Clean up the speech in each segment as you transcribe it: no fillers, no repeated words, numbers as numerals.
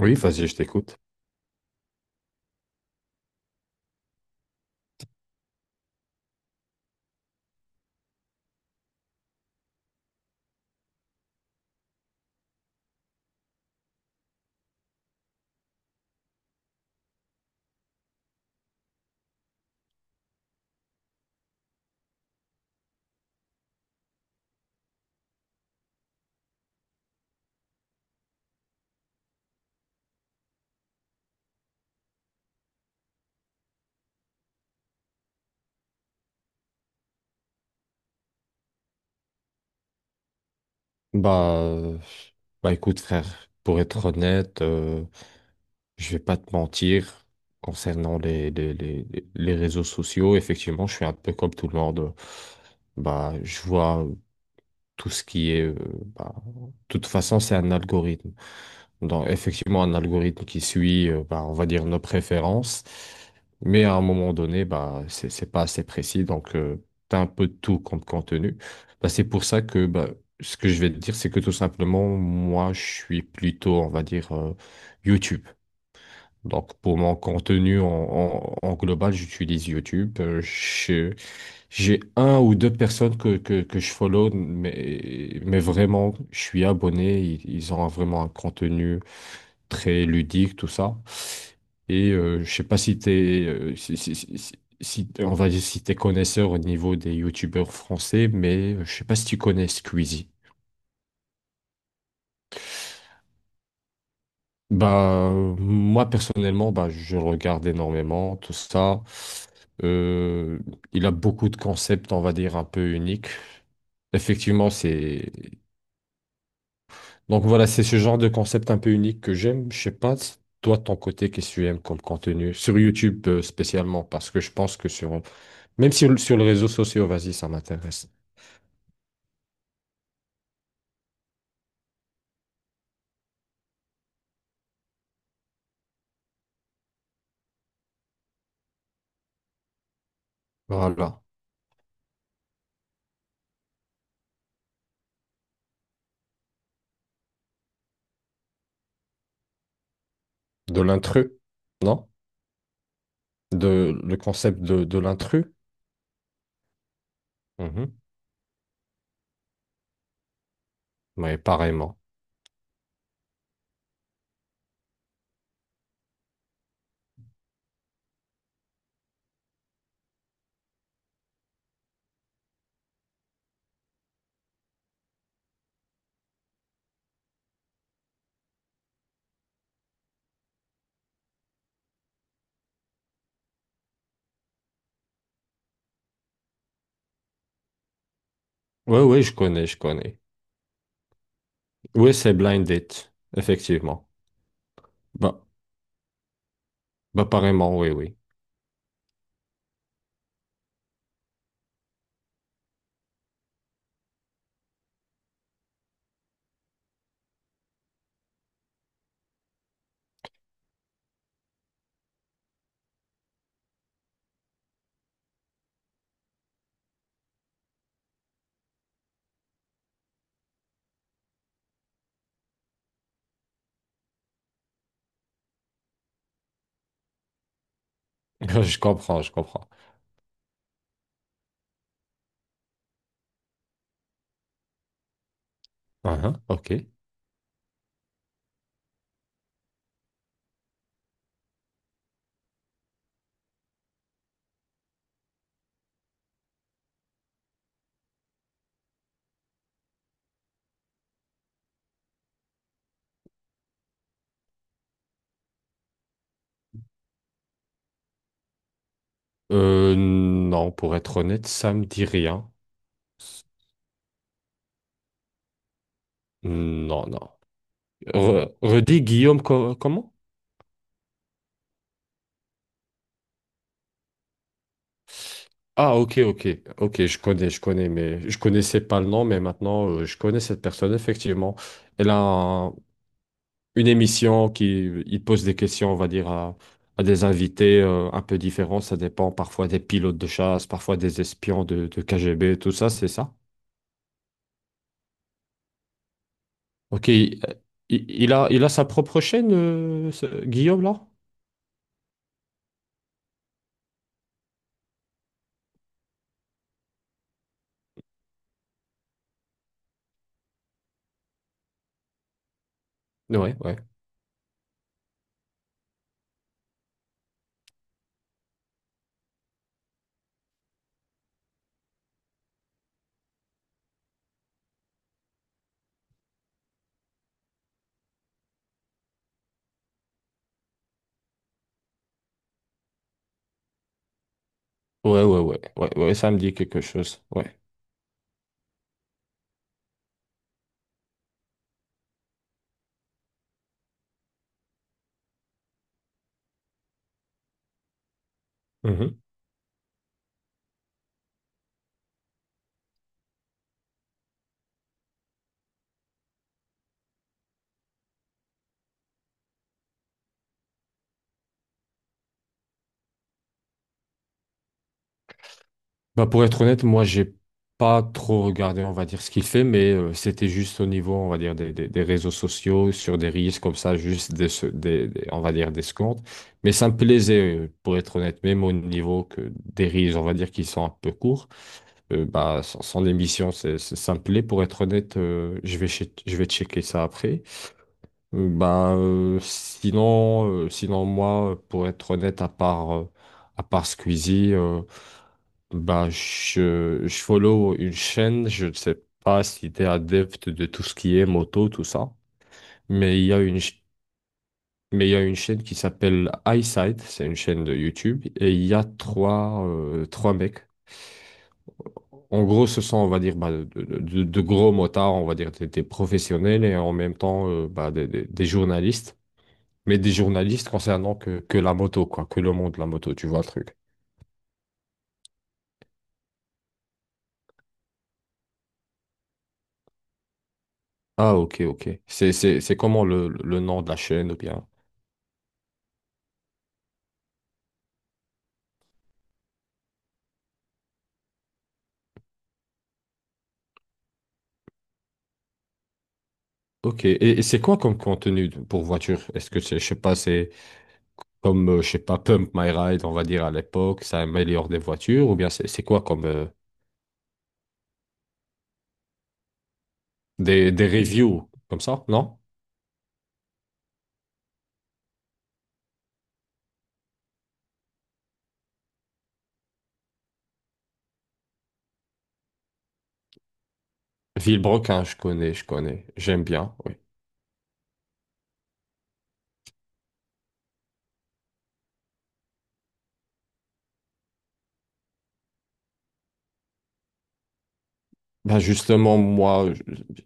Oui, vas-y, je t'écoute. Bah, euh, écoute, frère, pour être honnête, je vais pas te mentir concernant les réseaux sociaux. Effectivement, je suis un peu comme tout le monde. Bah, je vois tout ce qui est. De toute façon, c'est un algorithme. Dans effectivement un algorithme qui suit, on va dire, nos préférences. Mais à un moment donné, bah, c'est pas assez précis, donc t'as un peu de tout comme contenu. Bah, c'est pour ça que bah, ce que je vais te dire, c'est que tout simplement, moi, je suis plutôt, on va dire, YouTube. Donc pour mon contenu en global, j'utilise YouTube. J'ai un ou deux personnes que je follow, mais vraiment, je suis abonné. Ils ont vraiment un contenu très ludique, tout ça. Et je sais pas si t'es, on va dire si t'es connaisseur au niveau des youtubeurs français, mais je sais pas si tu connais Squeezie. Moi personnellement, bah, je le regarde énormément, tout ça. Euh, il a beaucoup de concepts, on va dire, un peu uniques. Effectivement, c'est… Donc voilà, c'est ce genre de concept un peu unique que j'aime. Je sais pas, si toi, de ton côté, qu'est-ce que tu aimes comme contenu? Sur YouTube, spécialement, parce que je pense que sur… Même si sur les réseaux sociaux, vas-y, ça m'intéresse. Voilà. De l'intrus, non? De, le concept de l'intrus? Mhm. Ouais, pareillement. Ouais, ouais, je connais, je connais. Oui, c'est Blind Date, effectivement. Bah, apparemment, oui, oui. Je comprends, je comprends. Uhum, ok. Non, pour être honnête, ça me dit rien. Non, non. Redis Guillaume comment? Ah, ok, ok, ok, je connais, mais je connaissais pas le nom, mais maintenant je connais cette personne, effectivement. Elle a un- une émission qui il pose des questions, on va dire, à des invités un peu différents. Ça dépend parfois des pilotes de chasse, parfois des espions de KGB, tout ça, c'est ça. Ok, il a sa propre chaîne, Guillaume, là? Ouais, ouais. Ouais, ouais, ouais, ouais, ouais, ça me dit quelque chose. Ouais. Bah pour être honnête, moi, j'ai pas trop regardé, on va dire, ce qu'il fait, mais c'était juste au niveau, on va dire, des réseaux sociaux, sur des reels comme ça, juste des, se- des- on va dire, des secondes. Mais ça me plaisait, pour être honnête, même au niveau que des reels, on va dire, qui sont un peu courts, sans émission, ça me plaît. Pour être honnête, je vais checker ça après. Sinon, moi, pour être honnête, à part Squeezie, je follow une chaîne, je ne sais pas si tu es adepte de tout ce qui est moto, tout ça, mais il y a une chaîne qui s'appelle EyeSight, c'est une chaîne de YouTube, et il y a trois, trois mecs. En gros, ce sont, on va dire, bah, de gros motards, on va dire des professionnels et en même temps des journalistes, mais des journalistes concernant que la moto, quoi, que le monde de la moto, tu vois le truc. Ah, ok, ok. C'est comment le nom de la chaîne ou bien? Ok, et c'est quoi comme contenu pour voiture? Est-ce que c'est, je sais pas, c'est comme, je sais pas, Pump My Ride, on va dire à l'époque, ça améliore des voitures, ou bien c'est quoi comme des reviews comme ça, non? Villebrequin, je connais, j'aime bien, oui. Ben justement,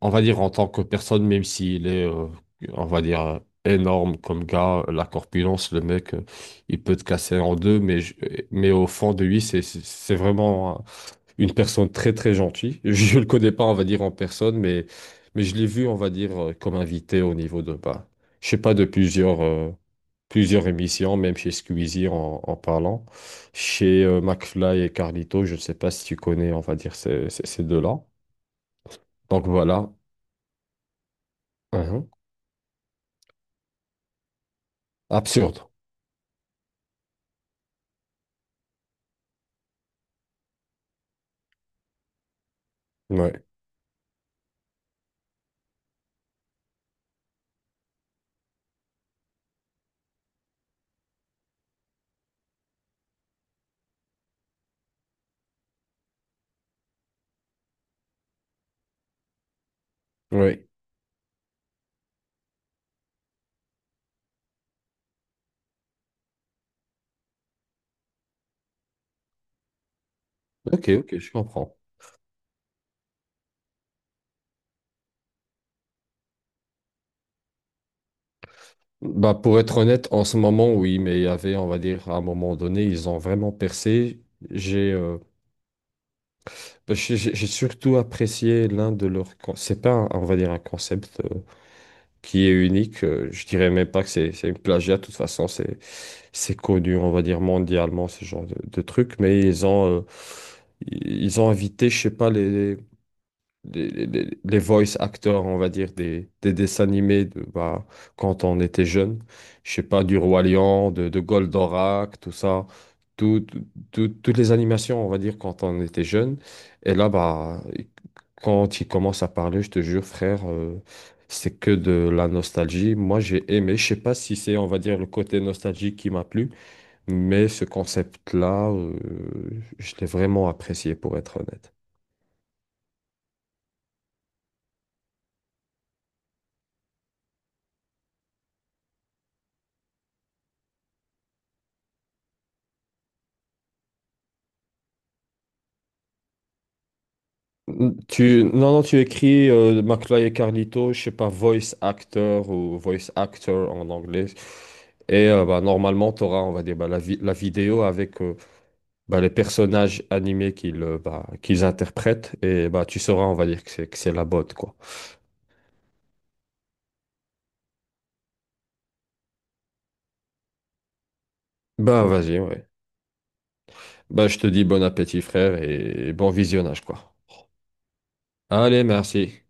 on va dire en tant que personne, même s'il est, on va dire, euh, énorme comme gars, la corpulence, le mec, il peut te casser en deux, mais au fond de lui, c'est vraiment. Hein, une personne très très gentille. Je le connais pas, on va dire, en personne, mais je l'ai vu, on va dire, comme invité au niveau de, bah, je sais pas, de plusieurs, plusieurs émissions, même chez Squeezie en parlant. Chez McFly et Carlito, je ne sais pas si tu connais, on va dire, ces deux-là. Donc voilà. Mhm. Absurde. Ouais. Oui. Ok, ok, je comprends. Bah, pour être honnête, en ce moment, oui, mais il y avait, on va dire, à un moment donné, ils ont vraiment percé. J'ai euh, j'ai surtout apprécié l'un de leurs… C'est pas, on va dire, un concept qui est unique. Je dirais même pas que c'est une plagiat. De toute façon, c'est connu, on va dire, mondialement, ce genre de truc. Mais ils ont invité, je sais pas, voice actors, on va dire, des dessins animés de, bah, quand on était jeune. Je sais pas, du Roi Lion, de Goldorak, tout ça. Tout- toutes les animations, on va dire, quand on était jeune. Et là, bah, quand il commence à parler, je te jure, frère, c'est que de la nostalgie. Moi, j'ai aimé. Je sais pas si c'est, on va dire, le côté nostalgique qui m'a plu, mais ce concept-là, je l'ai vraiment apprécié, pour être honnête. Tu… Non, non, tu écris McFly et Carlito, je sais pas, voice actor ou voice actor en anglais. Et bah, normalement, tu auras, on va dire, bah, la vidéo avec les personnages animés qu'ils interprètent. Et bah, tu sauras, on va dire, que c'est la botte, quoi. Bah, vas-y, ouais. Bah, je te dis bon appétit, frère, et bon visionnage, quoi. Allez, merci.